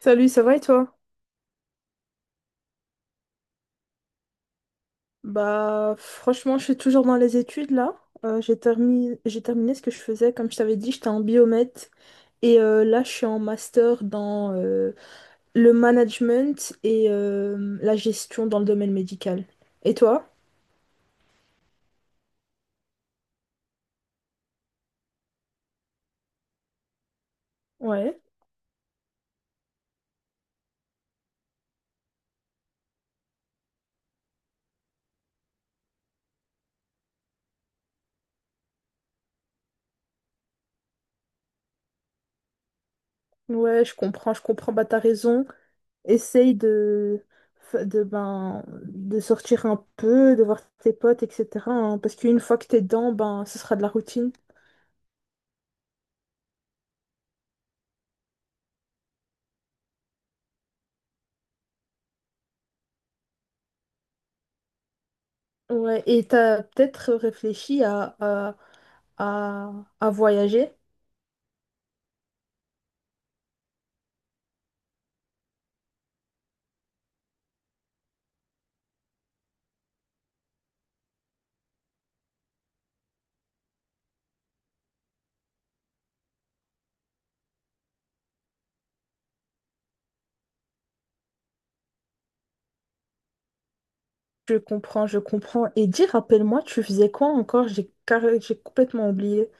Salut, ça va et toi? Bah franchement, je suis toujours dans les études là. J'ai terminé ce que je faisais. Comme je t'avais dit, j'étais en biomètre. Et là, je suis en master dans le management et la gestion dans le domaine médical. Et toi? Ouais. Ouais, je comprends, je comprends. Bah t'as raison. Essaye ben, de sortir un peu, de voir tes potes, etc. hein, parce qu'une fois que t'es dedans, ben, ce sera de la routine. Ouais, et t'as peut-être réfléchi à, à voyager. Je comprends, je comprends. Et dis, rappelle-moi, tu faisais quoi encore? J'ai complètement oublié.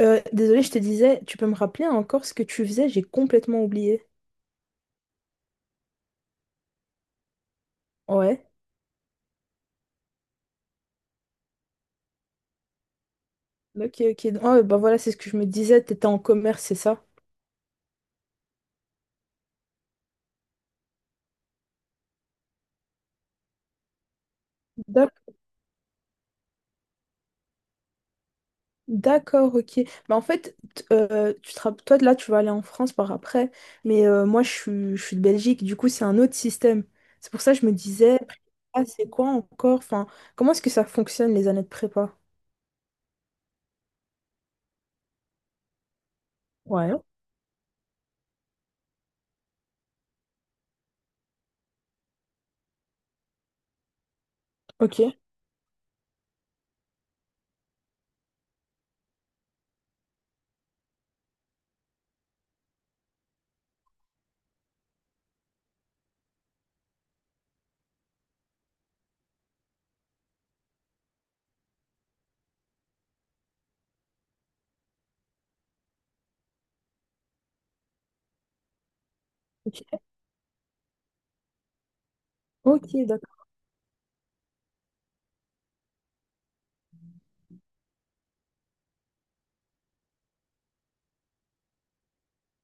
Désolée, je te disais, tu peux me rappeler encore ce que tu faisais? J'ai complètement oublié. Ouais. Ok, ok. Ah, bah voilà, c'est ce que je me disais. T'étais en commerce, c'est ça? D'accord, ok. Bah, en fait, tu toi, là, tu vas aller en France par après, mais moi, je suis de Belgique, du coup, c'est un autre système. C'est pour ça que je me disais, ah, c'est quoi encore? Enfin, comment est-ce que ça fonctionne, les années de prépa? Ouais, ok. Ok, ok, d'accord.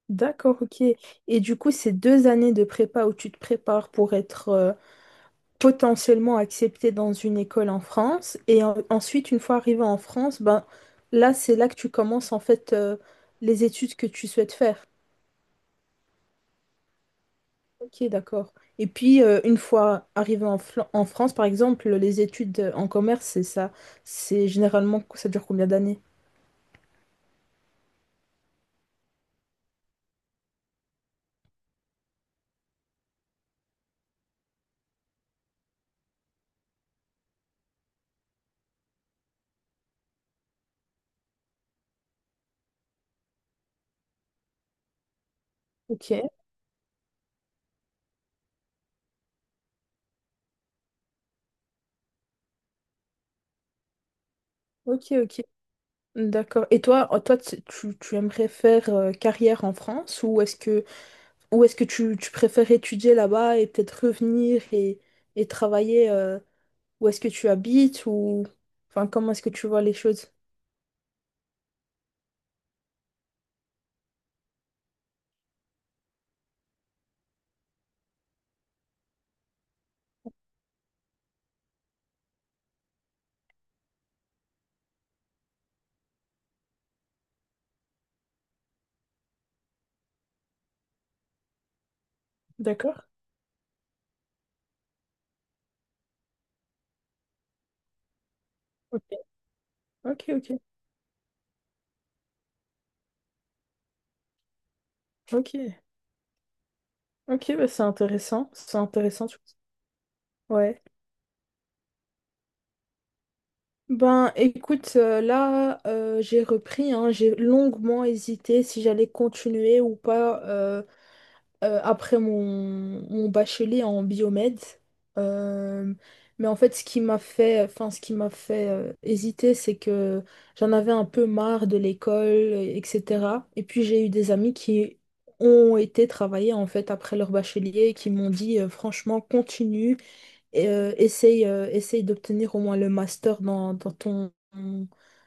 D'accord, ok. Et du coup, ces deux années de prépa où tu te prépares pour être potentiellement accepté dans une école en France. Et en- ensuite, une fois arrivé en France, ben, là, c'est là que tu commences en fait les études que tu souhaites faire. Ok, d'accord. Et puis, une fois arrivé en France, par exemple, les études en commerce, c'est ça. C'est généralement, ça dure combien d'années? Ok, ok, ok. D'accord. Et toi, toi, tu aimerais faire carrière en France ou est-ce que tu préfères étudier là-bas et peut-être revenir et travailler où est-ce que tu habites ou enfin comment est-ce que tu vois les choses? D'accord. Ok, ok, ok, ok, ok, bah c'est intéressant, c'est intéressant. Ouais. Ben écoute, là j'ai repris, hein, j'ai longuement hésité si j'allais continuer ou pas après mon, mon bachelier en biomède. Euh, mais en fait, ce qui m'a fait, enfin, ce qui m'a fait hésiter, c'est que j'en avais un peu marre de l'école, etc. Et puis j'ai eu des amis qui ont été travailler en fait après leur bachelier et qui m'ont dit franchement, continue et essaye, essaye d'obtenir au moins le master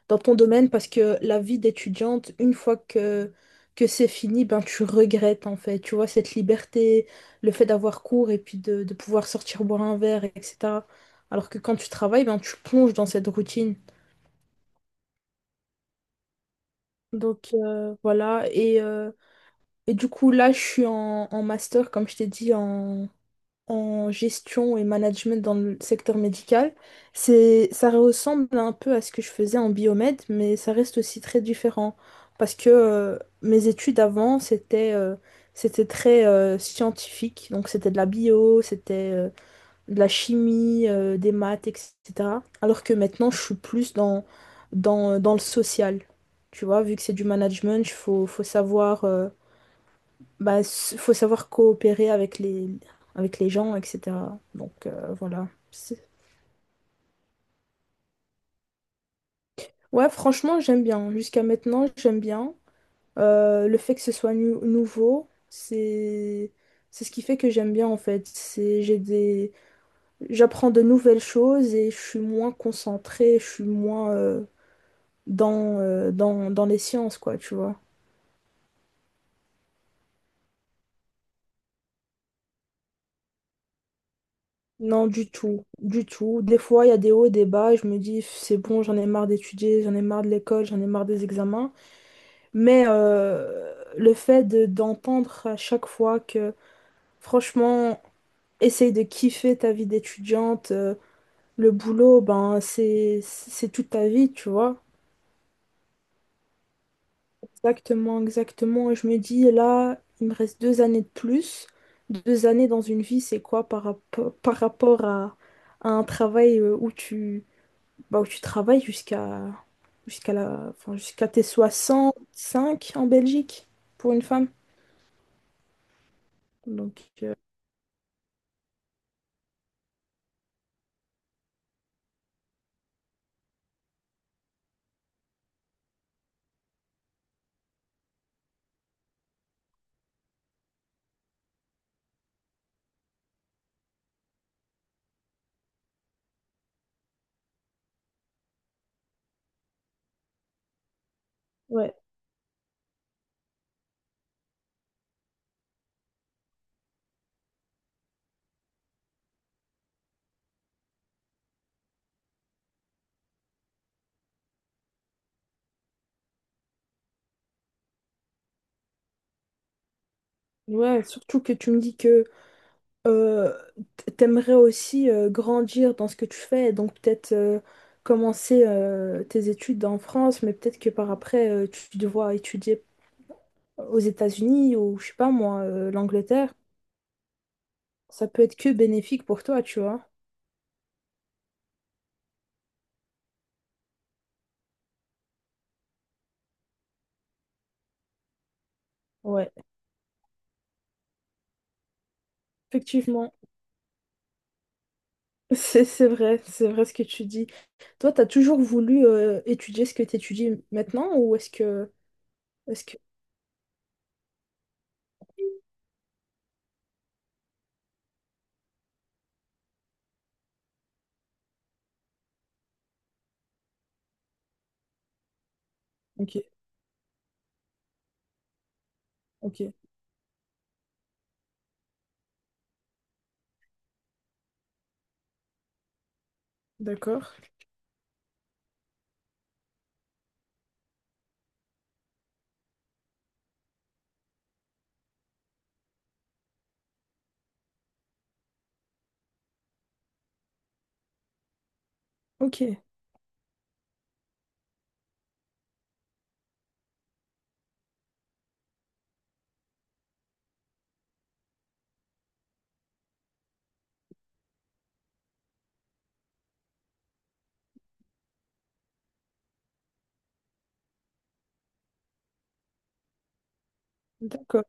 dans ton domaine parce que la vie d'étudiante, une fois que c'est fini, ben, tu regrettes en fait. Tu vois, cette liberté, le fait d'avoir cours et puis de pouvoir sortir boire un verre, etc. Alors que quand tu travailles, ben, tu plonges dans cette routine. Donc, voilà, et et du coup là je suis en master, comme je t'ai dit, en gestion et management dans le secteur médical. Ça ressemble un peu à ce que je faisais en biomède, mais ça reste aussi très différent parce que mes études avant, c'était très scientifique, donc c'était de la bio, c'était de la chimie, des maths, etc. Alors que maintenant, je suis plus dans le social. Tu vois, vu que c'est du management, faut savoir... bah, s- faut savoir coopérer avec les gens, etc. Donc, voilà. Ouais, franchement, j'aime bien. Jusqu'à maintenant, j'aime bien. Le fait que ce soit nouveau, c'est ce qui fait que j'aime bien en fait. C'est j'ai des J'apprends de nouvelles choses et je suis moins concentrée, je suis moins dans les sciences quoi, tu vois. Non, du tout, du tout. Des fois, il y a des hauts et des bas et je me dis c'est bon, j'en ai marre d'étudier, j'en ai marre de l'école, j'en ai marre des examens. Mais d'entendre à chaque fois que, franchement, essaye de kiffer ta vie d'étudiante, le boulot, ben, c'est toute ta vie, tu vois. Exactement, exactement. Et je me dis, là, il me reste deux années de plus. Deux années dans une vie, c'est quoi par rapport à un travail où où tu travailles jusqu'à tes 65 en Belgique pour une femme. Donc. Ouais. Ouais, surtout que tu me dis que euh, t'aimerais aussi grandir dans ce que tu fais, donc peut-être commencer tes études en France, mais peut-être que par après tu devras étudier aux États-Unis ou je sais pas moi, l'Angleterre. Ça peut être que bénéfique pour toi, tu vois. Ouais, effectivement. C'est vrai, c'est vrai ce que tu dis. Toi, t'as toujours voulu étudier ce que t'étudies maintenant ou est-ce que? Ok, ok, d'accord. Ok, d'accord.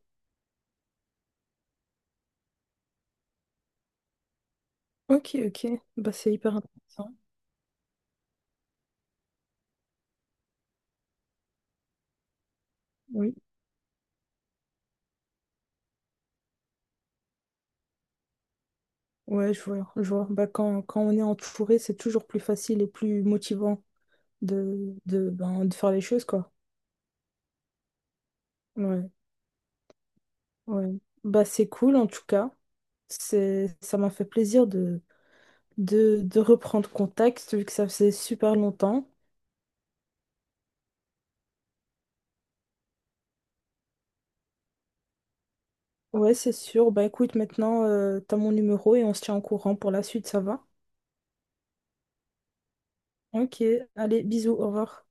Ok, ok. Bah, c'est hyper intéressant. Oui. Ouais, je vois, je vois. Bah, quand on est entouré, c'est toujours plus facile et plus motivant ben, de faire les choses, quoi. Ouais, ouais. Bah, c'est cool, en tout cas. Ça m'a fait plaisir de reprendre contact, vu que ça faisait super longtemps. Ouais, c'est sûr. Bah, écoute, maintenant, t'as mon numéro et on se tient au courant pour la suite, ça va? Ok, allez, bisous, au revoir.